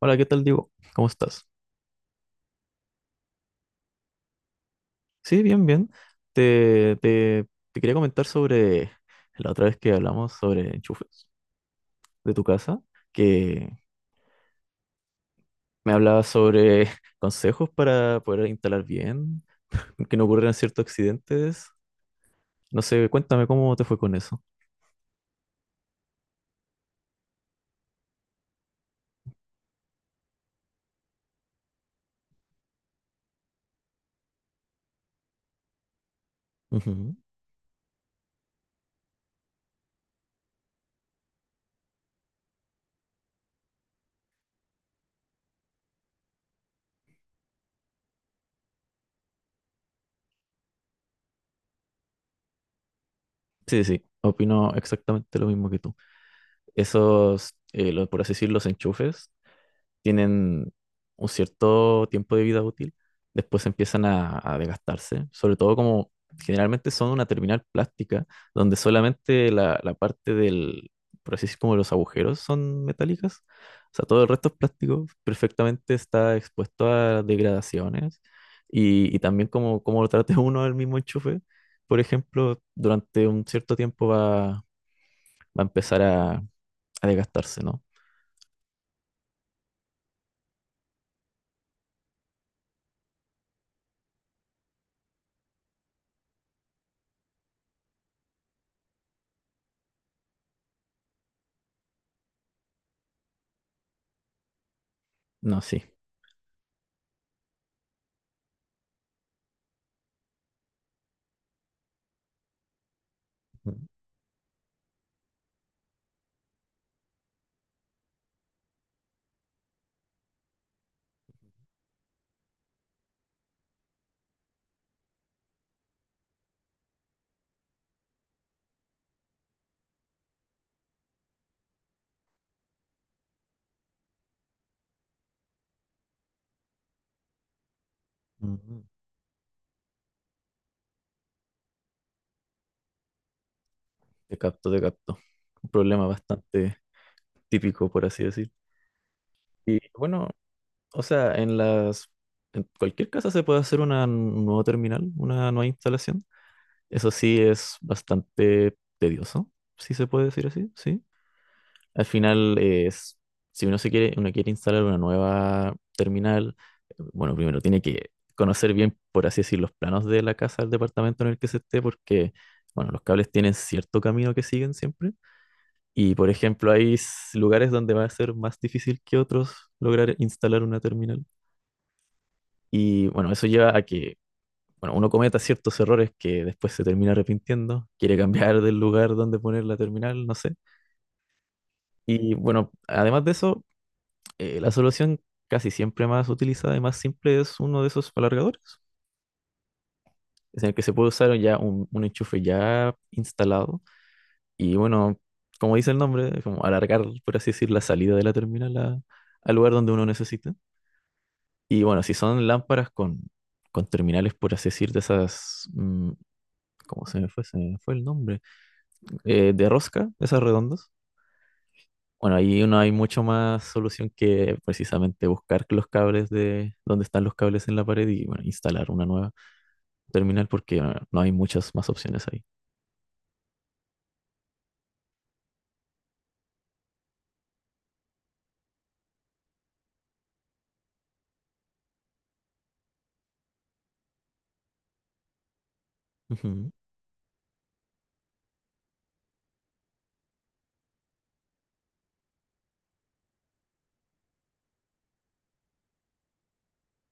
Hola, ¿qué tal, Diego? ¿Cómo estás? Sí, bien, bien. Te, te, te quería comentar sobre la otra vez que hablamos sobre enchufes de tu casa, que me hablabas sobre consejos para poder instalar bien, que no ocurrieran ciertos accidentes. No sé, cuéntame cómo te fue con eso. Ujú. Sí, sí, sí. Opino exactamente lo mismo que tú. Esos, los, por así decir, los enchufes tienen un cierto tiempo de vida útil. Después empiezan a desgastarse, sobre todo como generalmente son una terminal plástica, donde solamente la, la parte del, por así decir, como los agujeros son metálicas, o sea, todo el resto es plástico, perfectamente está expuesto a degradaciones, y también como, como lo trate uno el mismo enchufe, por ejemplo, durante un cierto tiempo va a empezar a desgastarse, ¿no? No, sí. Mm, mm. Te capto, te capto. Un problema bastante típico, por así decir. Y bueno, o sea, en cualquier casa se puede hacer una nueva terminal, una nueva instalación. Eso sí es bastante tedioso, si se puede decir así, sí. Al final es, si uno se quiere, uno quiere instalar una nueva terminal, bueno, primero tiene que conocer bien, por así decir, los planos de la casa, del departamento en el que se esté, porque, bueno, los cables tienen cierto camino que siguen siempre. Y por ejemplo, hay s- lugares donde va a ser más difícil que otros lograr instalar una terminal. Y bueno, eso lleva a que, bueno, uno cometa ciertos errores que después se termina arrepintiendo, quiere cambiar del lugar donde poner la terminal, no sé. Y bueno, además de eso, la solución casi siempre más utilizada y más simple es uno de esos alargadores, es en el que se puede usar ya un enchufe ya instalado. Y bueno, como dice el nombre, como alargar, por así decir, la salida de la terminal a- al lugar donde uno necesita. Y bueno, si son lámparas con terminales, por así decir, de esas, ¿cómo se me fue? Se me fue el nombre. De rosca, esas redondas. Bueno, ahí no hay mucho más solución que precisamente buscar los cables de donde están los cables en la pared y bueno, instalar una nueva terminal porque bueno, no hay muchas más opciones ahí. Ujú.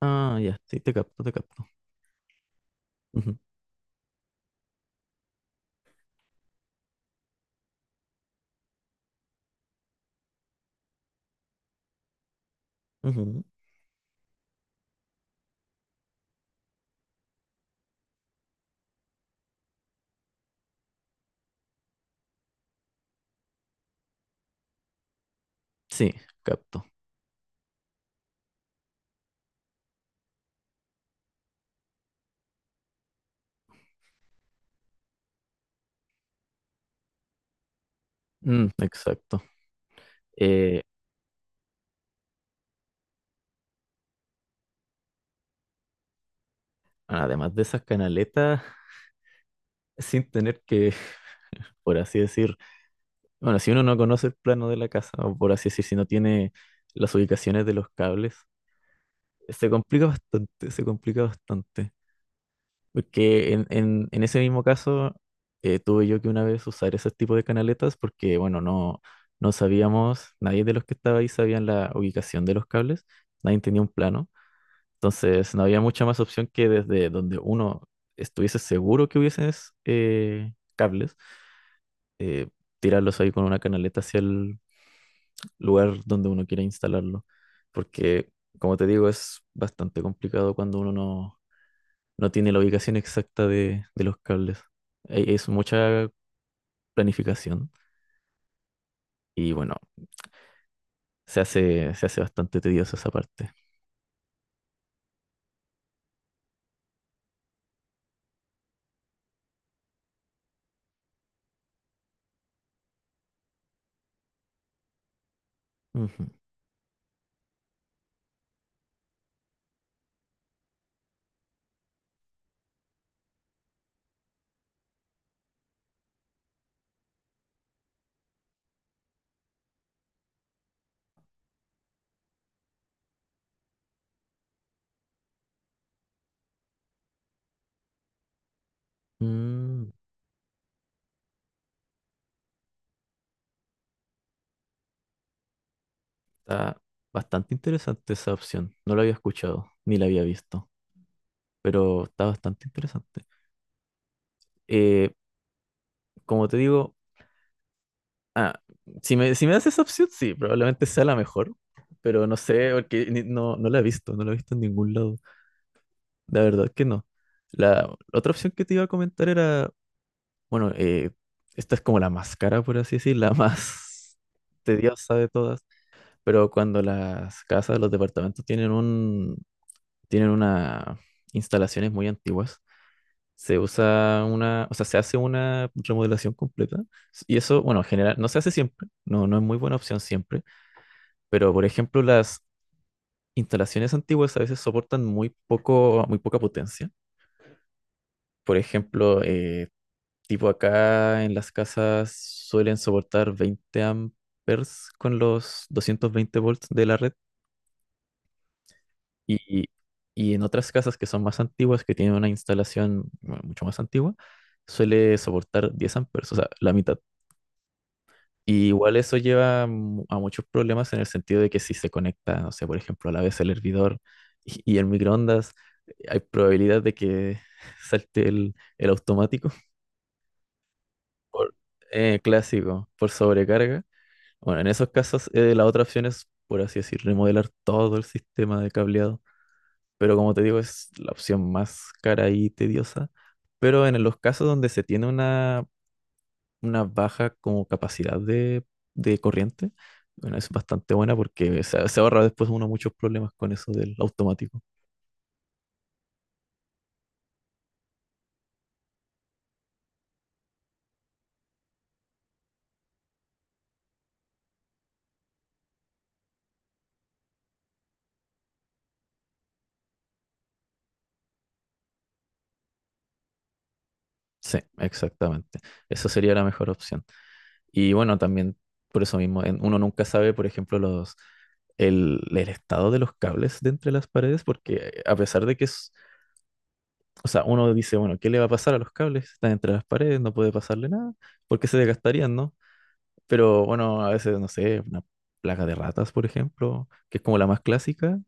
Ah, ya, sí, te capto, te capto. Ujú, ujú. Sí, capto. Mm, exacto. Eh, además de esas canaletas, sin tener que, por así decir, bueno, si uno no conoce el plano de la casa, o por así decir, si no tiene las ubicaciones de los cables, se complica bastante, se complica bastante. Porque en ese mismo caso, tuve yo que una vez usar ese tipo de canaletas porque, bueno, no, no sabíamos, nadie de los que estaba ahí sabían la ubicación de los cables, nadie tenía un plano. Entonces, no había mucha más opción que desde donde uno estuviese seguro que hubiesen cables, eh, tirarlos ahí con una canaleta hacia el lugar donde uno quiera instalarlo, porque como te digo, es bastante complicado cuando uno no, no tiene la ubicación exacta de los cables. E- es mucha planificación y bueno, se hace bastante tediosa esa parte. Ujú. Mm, está bastante interesante esa opción. No la había escuchado ni la había visto, pero está bastante interesante. Eh, como te digo, ah, si me, si me das esa opción, sí, probablemente sea la mejor, pero no sé, porque ni- no, no la he visto, no la he visto en ningún lado. La verdad que no. La otra opción que te iba a comentar era, bueno, esta es como la más cara, por así decir, la más tediosa de todas, pero cuando las casas, los departamentos tienen una instalaciones muy antiguas, se usa una, o sea, se hace una remodelación completa y eso, bueno, en general, no se hace siempre, no, no es muy buena opción siempre. Pero, por ejemplo, las instalaciones antiguas a veces soportan muy poco, muy poca potencia. Por ejemplo, tipo acá en las casas suelen soportar 20 amperes con los 220 volts de la red. Y, y en otras casas que son más antiguas, que tienen una instalación bueno, mucho más antigua, suele soportar 10 amperes, o sea, la mitad. Y igual eso lleva mu- a muchos problemas en el sentido de que si se conecta, no sé, por ejemplo, a la vez el hervidor y el microondas, hay probabilidad de que salte el automático por clásico, por sobrecarga. Bueno, en esos casos la otra opción es, por así decir, remodelar todo el sistema de cableado. Pero como te digo, es la opción más cara y tediosa. Pero en los casos donde se tiene una baja como capacidad de corriente. Bueno, es bastante buena porque se ahorra después uno muchos problemas con eso del automático. Sí, exactamente. Esa sería la mejor opción. Y bueno, también por eso mismo, en- uno nunca sabe, por ejemplo, los, el estado de los cables de entre las paredes, porque a pesar de que es, o sea, uno dice, bueno, ¿qué le va a pasar a los cables? Están entre las paredes, no puede pasarle nada, porque se desgastarían, ¿no? Pero bueno, a veces, no sé, una plaga de ratas, por ejemplo, que es como la más clásica,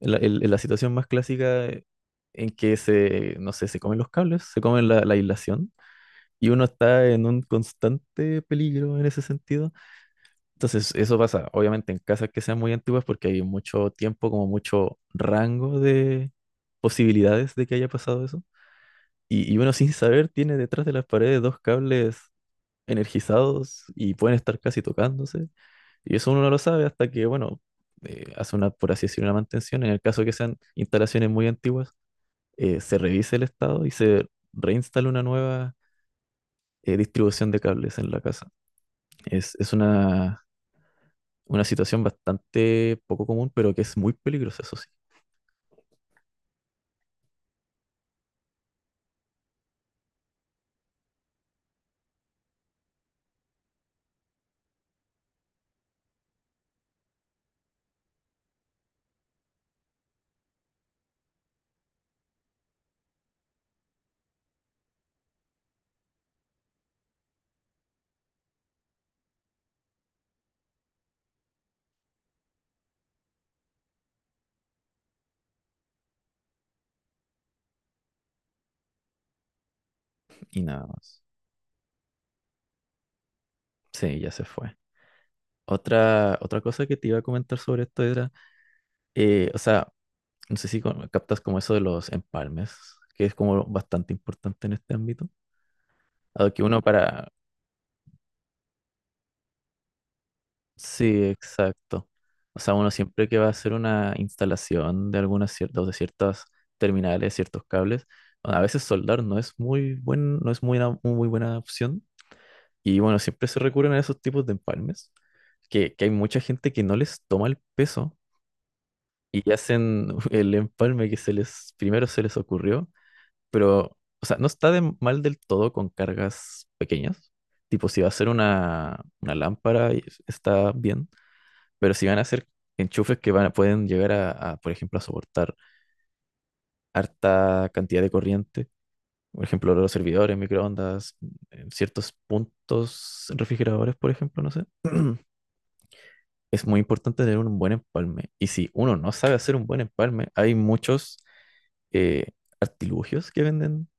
la, el- la situación más clásica en que se, no sé, se comen los cables, se comen la, la aislación y uno está en un constante peligro en ese sentido. Entonces, eso pasa, obviamente, en casas que sean muy antiguas porque hay mucho tiempo, como mucho rango de posibilidades de que haya pasado eso. Y uno sin saber tiene detrás de las paredes dos cables energizados y pueden estar casi tocándose. Y eso uno no lo sabe hasta que, bueno, hace una, por así decir, una mantención. En el caso que sean instalaciones muy antiguas, se revise el estado y se reinstala una nueva distribución de cables en la casa. Es una situación bastante poco común, pero que es muy peligrosa, eso sí. Y nada más. Sí, ya se fue. Otra, otra cosa que te iba a comentar sobre esto era, o sea, no sé si con- captas como eso de los empalmes, que es como bastante importante en este ámbito. Dado que uno para... Sí, exacto. O sea, uno siempre que va a hacer una instalación de algunas ciertas, de ciertas terminales, ciertos cables, a veces soldar no es muy buen, no es muy una muy buena opción. Y bueno, siempre se recurren a esos tipos de empalmes, que hay mucha gente que no les toma el peso y hacen el empalme que se les, primero se les ocurrió pero, o sea, no está de mal del todo con cargas pequeñas. Tipo, si va a ser una lámpara, y es- está bien, pero si van a ser enchufes que van, a- pueden llegar a, por ejemplo, a soportar harta cantidad de corriente, por ejemplo, los servidores, microondas, en ciertos puntos, refrigeradores, por ejemplo, no sé. Es muy importante tener un buen empalme. Y si uno no sabe hacer un buen empalme, hay muchos eh, artilugios que venden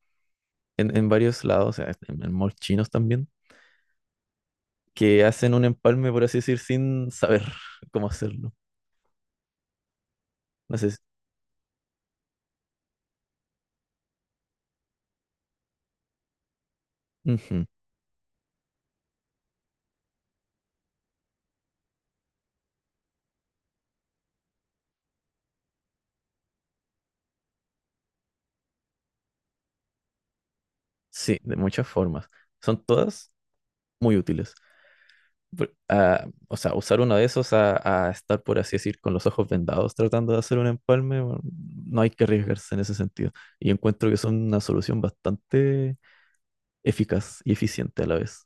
en varios lados, o sea, en malls chinos también, que hacen un empalme, por así decir, sin saber cómo hacerlo. No sé si- Ujú. Sí, de muchas formas. Son todas muy útiles. Por- ah, o sea, usar uno de esos a estar, por así decir, con los ojos vendados tratando de hacer un empalme, bueno, no hay que arriesgarse en ese sentido. Y encuentro que son una solución bastante eficaz y eficiente a la vez.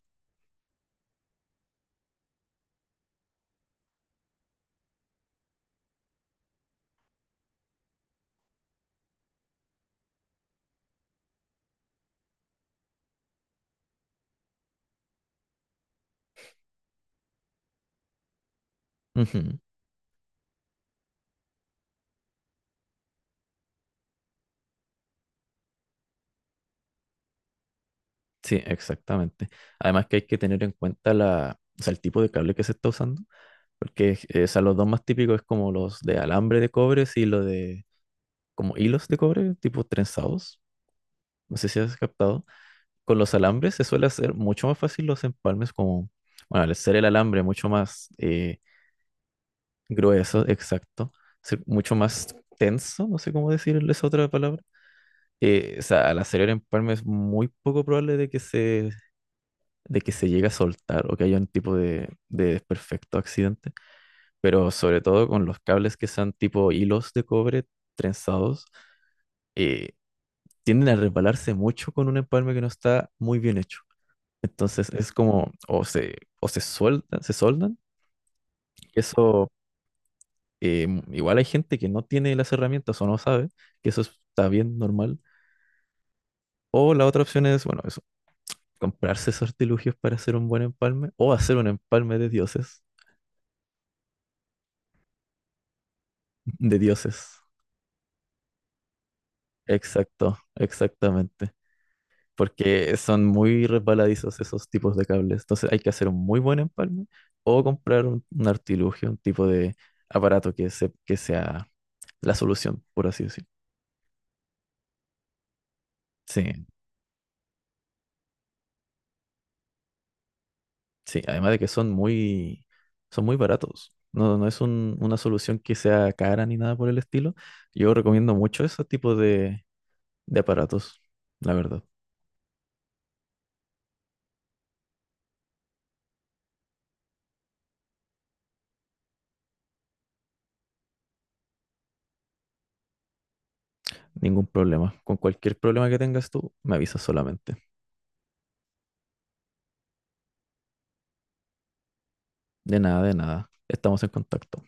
Ujú. Sí, exactamente. Además que hay que tener en cuenta la, o sea, el tipo de cable que se está usando, porque o sea, los dos más típicos es como los de alambre de cobre y los de como hilos de cobre, tipo trenzados. No sé si has captado. Con los alambres se suele hacer mucho más fácil los empalmes, como, bueno, al ser el alambre mucho más grueso, exacto, ser mucho más tenso, no sé cómo decir esa otra palabra. O sea, al hacer el empalme es muy poco probable de que se llegue a soltar o que haya un tipo de desperfecto accidente, pero sobre todo con los cables que sean tipo hilos de cobre trenzados, eh, tienden a resbalarse mucho con un empalme que no está muy bien hecho. Entonces es como, o se sueltan, se soldan, que eso, igual hay gente que no tiene las herramientas o no sabe, que eso está bien normal. O la otra opción es, bueno, eso, comprarse esos artilugios para hacer un buen empalme o hacer un empalme de dioses, de dioses. Exacto, exactamente. Porque son muy resbaladizos esos tipos de cables. Entonces hay que hacer un muy buen empalme o comprar un artilugio, un tipo de aparato que, se, que sea la solución, por así decir. Sí, sí. Además de que son muy baratos. No, no es un- una solución que sea cara ni nada por el estilo. Yo recomiendo mucho ese tipo de aparatos, la verdad. Ningún problema. Con cualquier problema que tengas tú, me avisas solamente. De nada, de nada. Estamos en contacto.